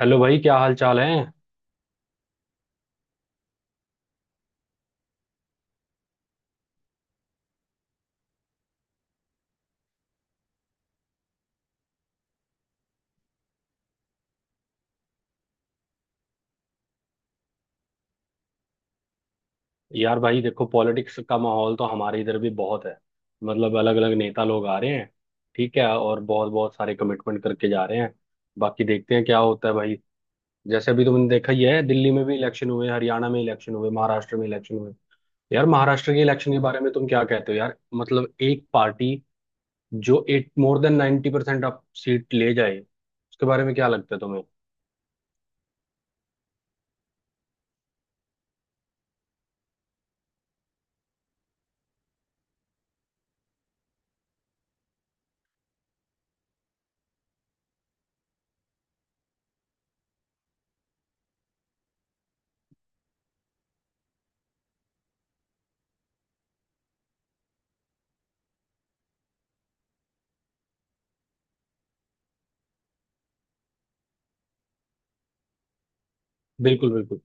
Hello भाई, क्या हाल चाल है? यार भाई देखो, पॉलिटिक्स का माहौल तो हमारे इधर भी बहुत है। मतलब अलग अलग नेता लोग आ रहे हैं, ठीक है, और बहुत बहुत सारे कमिटमेंट करके जा रहे हैं। बाकी देखते हैं क्या होता है भाई। जैसे अभी तुमने देखा ही है, दिल्ली में भी इलेक्शन हुए, हरियाणा में इलेक्शन हुए, महाराष्ट्र में इलेक्शन हुए। यार महाराष्ट्र के इलेक्शन के बारे में तुम क्या कहते हो यार? मतलब एक पार्टी जो एट मोर देन 90% आप सीट ले जाए, उसके बारे में क्या लगता है तुम्हें? बिल्कुल, बिल्कुल।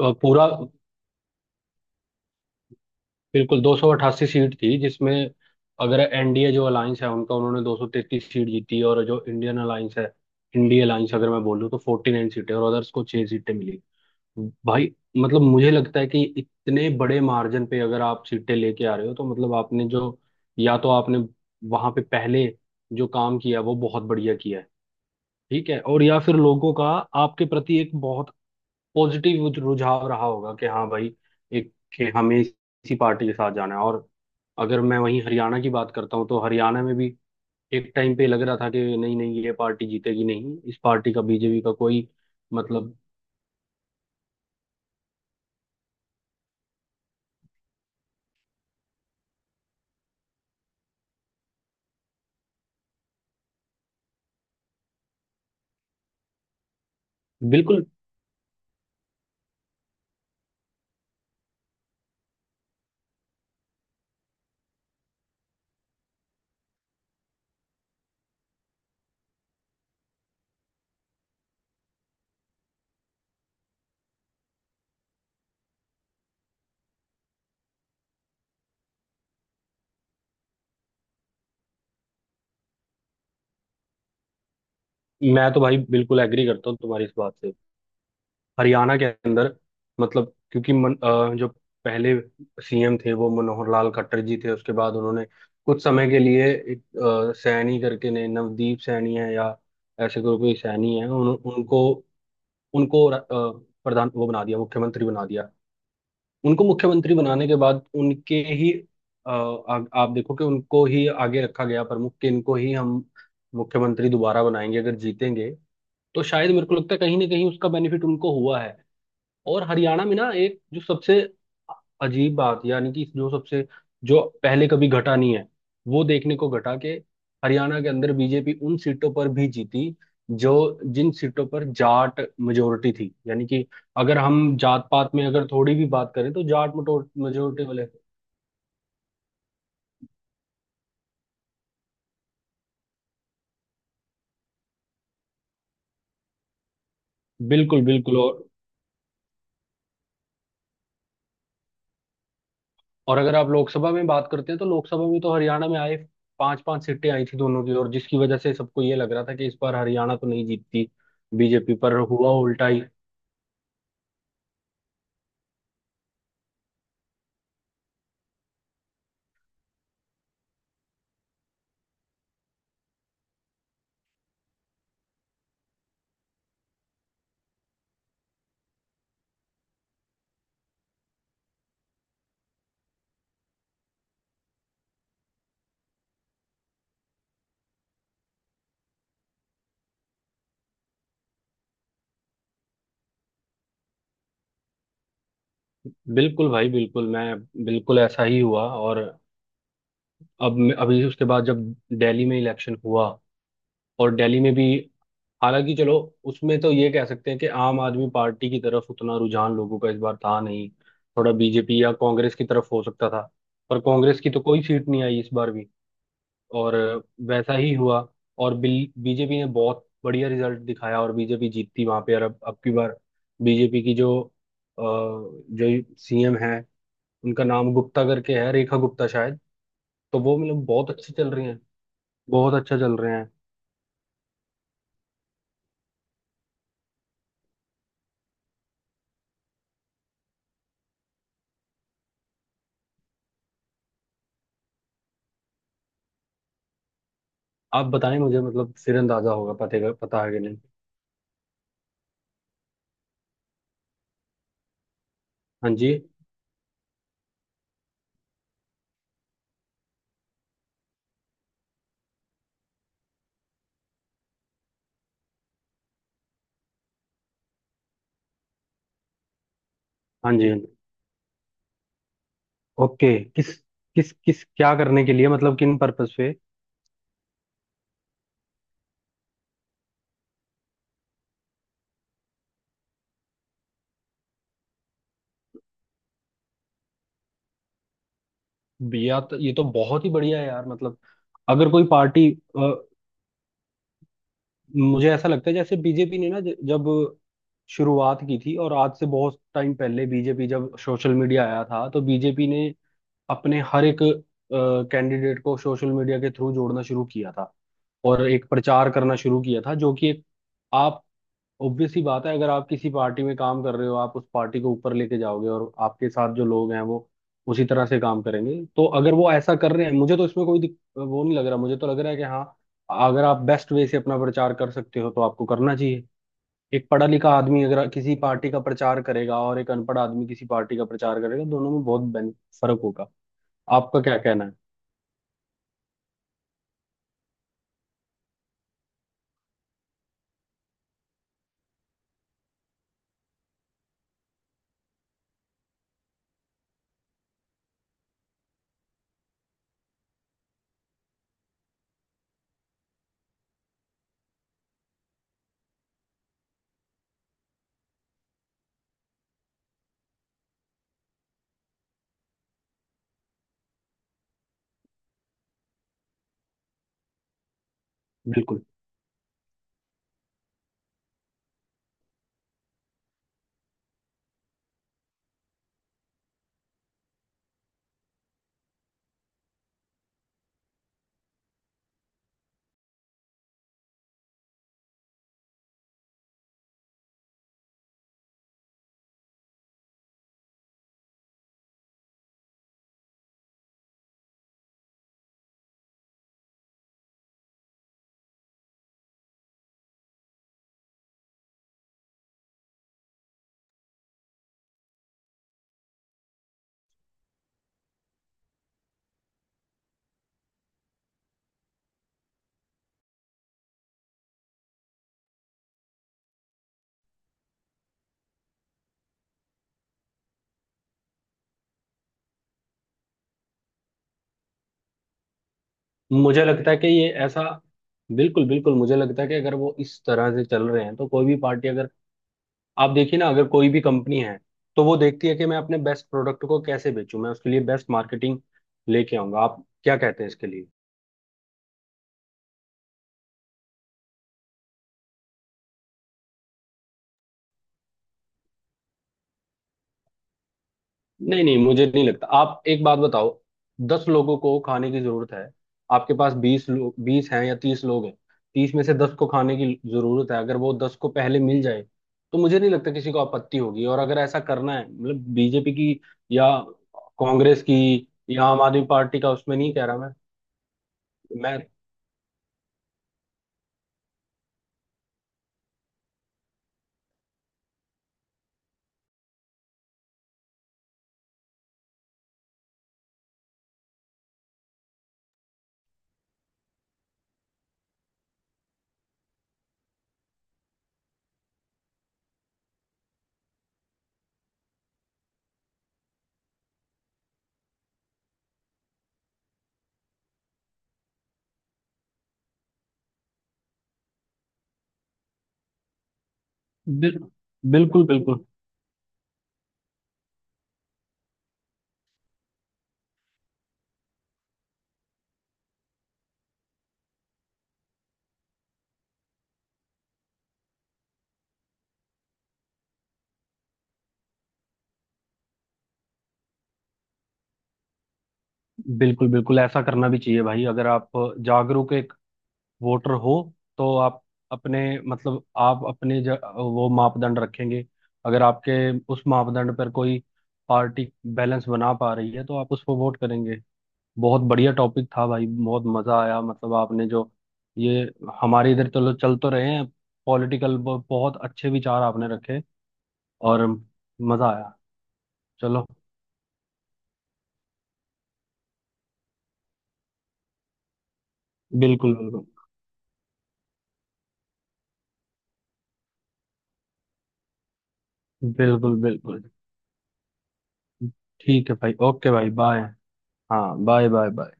अ, पूरा बिल्कुल 288 सीट थी, जिसमें अगर एनडीए जो अलायंस है उनका, उन्होंने 233 सीट जीती, और जो इंडियन अलायंस है, इंडिया अलायंस अगर मैं बोलूँ तो 49 सीटें, और अदर्स को छह सीटें मिली भाई। मतलब मुझे लगता है कि इतने बड़े मार्जिन पे अगर आप सीटें लेके आ रहे हो, तो मतलब आपने जो, या तो आपने वहां पे पहले जो काम किया वो बहुत बढ़िया किया है, ठीक है, और या फिर लोगों का आपके प्रति एक बहुत पॉजिटिव रुझाव रहा होगा कि हाँ भाई, एक कि हमें इसी पार्टी के साथ जाना है। और अगर मैं वहीं हरियाणा की बात करता हूँ तो हरियाणा में भी एक टाइम पे लग रहा था कि नहीं नहीं, ये पार्टी जीतेगी नहीं, इस पार्टी का, बीजेपी का कोई मतलब बिल्कुल। मैं तो भाई बिल्कुल एग्री करता हूँ तुम्हारी इस बात से। हरियाणा के अंदर मतलब, क्योंकि जो पहले सीएम थे वो मनोहर लाल खट्टर जी थे। उसके बाद उन्होंने कुछ समय के लिए एक सैनी करके, ने नवदीप सैनी है या ऐसे कोई कोई सैनी है, उनको, उनको र- अ, प्रधान वो बना दिया, मुख्यमंत्री बना दिया। उनको मुख्यमंत्री बनाने के बाद उनके ही आप देखो कि उनको ही आगे रखा गया प्रमुख कि इनको ही हम मुख्यमंत्री दोबारा बनाएंगे अगर जीतेंगे। तो शायद मेरे को लगता है कहीं ना कहीं उसका बेनिफिट उनको हुआ है। और हरियाणा में ना एक जो सबसे अजीब बात, यानी कि जो सबसे, जो पहले कभी घटा नहीं है, वो देखने को घटा के, हरियाणा के अंदर बीजेपी उन सीटों पर भी जीती जो, जिन सीटों पर जाट मेजोरिटी थी, यानी कि अगर हम जात पात में अगर थोड़ी भी बात करें तो जाट मेजोरिटी वाले। बिल्कुल, बिल्कुल। और अगर आप लोकसभा में बात करते हैं तो लोकसभा में तो हरियाणा में आए, पांच पांच सीटें आई थी दोनों की, और जिसकी वजह से सबको ये लग रहा था कि इस बार हरियाणा तो नहीं जीतती, बीजेपी पर हुआ उल्टा ही। बिल्कुल भाई, बिल्कुल ऐसा ही हुआ। और अब अभी उसके बाद जब दिल्ली में इलेक्शन हुआ, और दिल्ली में भी, हालांकि चलो, उसमें तो ये कह सकते हैं कि आम आदमी पार्टी की तरफ उतना रुझान लोगों का इस बार था नहीं, थोड़ा बीजेपी या कांग्रेस की तरफ हो सकता था, पर कांग्रेस की तो कोई सीट नहीं आई इस बार भी, और वैसा ही हुआ। और बीजेपी ने बहुत बढ़िया रिजल्ट दिखाया, और बीजेपी जीती वहां पे। और अब की बार बीजेपी की जो जो सीएम है, उनका नाम गुप्ता करके है, रेखा गुप्ता शायद। तो वो मतलब बहुत अच्छी चल रही हैं, बहुत अच्छा चल रहे हैं। आप बताएं मुझे, मतलब फिर अंदाजा होगा पते का, पता है कि नहीं। हाँ जी, हाँ जी, हाँ जी। ओके, किस किस किस क्या करने के लिए, मतलब किन पर्पस पे? या तो ये तो बहुत ही बढ़िया है यार। मतलब अगर कोई पार्टी, अ, मुझे ऐसा लगता है जैसे बीजेपी ने ना जब शुरुआत की थी, और आज से बहुत टाइम पहले, बीजेपी जब सोशल मीडिया आया था तो बीजेपी ने अपने हर एक कैंडिडेट को सोशल मीडिया के थ्रू जोड़ना शुरू किया था, और एक प्रचार करना शुरू किया था, जो कि एक, आप, ऑब्वियस ही बात है। अगर आप किसी पार्टी में काम कर रहे हो, आप उस पार्टी को ऊपर लेके जाओगे, और आपके साथ जो लोग हैं वो उसी तरह से काम करेंगे। तो अगर वो ऐसा कर रहे हैं, मुझे तो इसमें कोई वो नहीं लग रहा, मुझे तो लग रहा है कि हाँ, अगर आप बेस्ट वे से अपना प्रचार कर सकते हो तो आपको करना चाहिए। एक पढ़ा लिखा आदमी अगर किसी पार्टी का प्रचार करेगा, और एक अनपढ़ आदमी किसी पार्टी का प्रचार करेगा, दोनों में बहुत फर्क होगा। आपका क्या कहना है? बिल्कुल, मुझे लगता है कि ये ऐसा, बिल्कुल बिल्कुल, मुझे लगता है कि अगर वो इस तरह से चल रहे हैं तो कोई भी पार्टी अगर, आप देखिए ना, अगर कोई भी कंपनी है तो वो देखती है कि मैं अपने बेस्ट प्रोडक्ट को कैसे बेचूं, मैं उसके लिए बेस्ट मार्केटिंग लेके आऊंगा। आप क्या कहते हैं इसके लिए? नहीं नहीं, मुझे नहीं लगता। आप एक बात बताओ, 10 लोगों को खाने की जरूरत है, आपके पास 20 लोग, 20 हैं या 30 लोग हैं, 30 में से 10 को खाने की जरूरत है, अगर वो 10 को पहले मिल जाए तो मुझे नहीं लगता किसी को आपत्ति होगी। और अगर ऐसा करना है मतलब बीजेपी की, या कांग्रेस की या आम आदमी पार्टी का, उसमें नहीं कह रहा मैं। मैं बिल, बिल्कुल। बिल्कुल, बिल्कुल। बिल्कुल ऐसा करना भी चाहिए भाई। अगर आप जागरूक एक वोटर हो, तो आप अपने, मतलब आप अपने वो मापदंड रखेंगे, अगर आपके उस मापदंड पर कोई पार्टी बैलेंस बना पा रही है तो आप उसको वोट करेंगे। बहुत बढ़िया टॉपिक था भाई, बहुत मजा आया। मतलब आपने जो ये, हमारे इधर चलो चल तो रहे हैं, पॉलिटिकल बहुत अच्छे विचार आपने रखे, और मजा आया। चलो। बिल्कुल, बिल्कुल। बिल्कुल, बिल्कुल। ठीक है भाई, ओके भाई, बाय। हाँ बाय, बाय, बाय।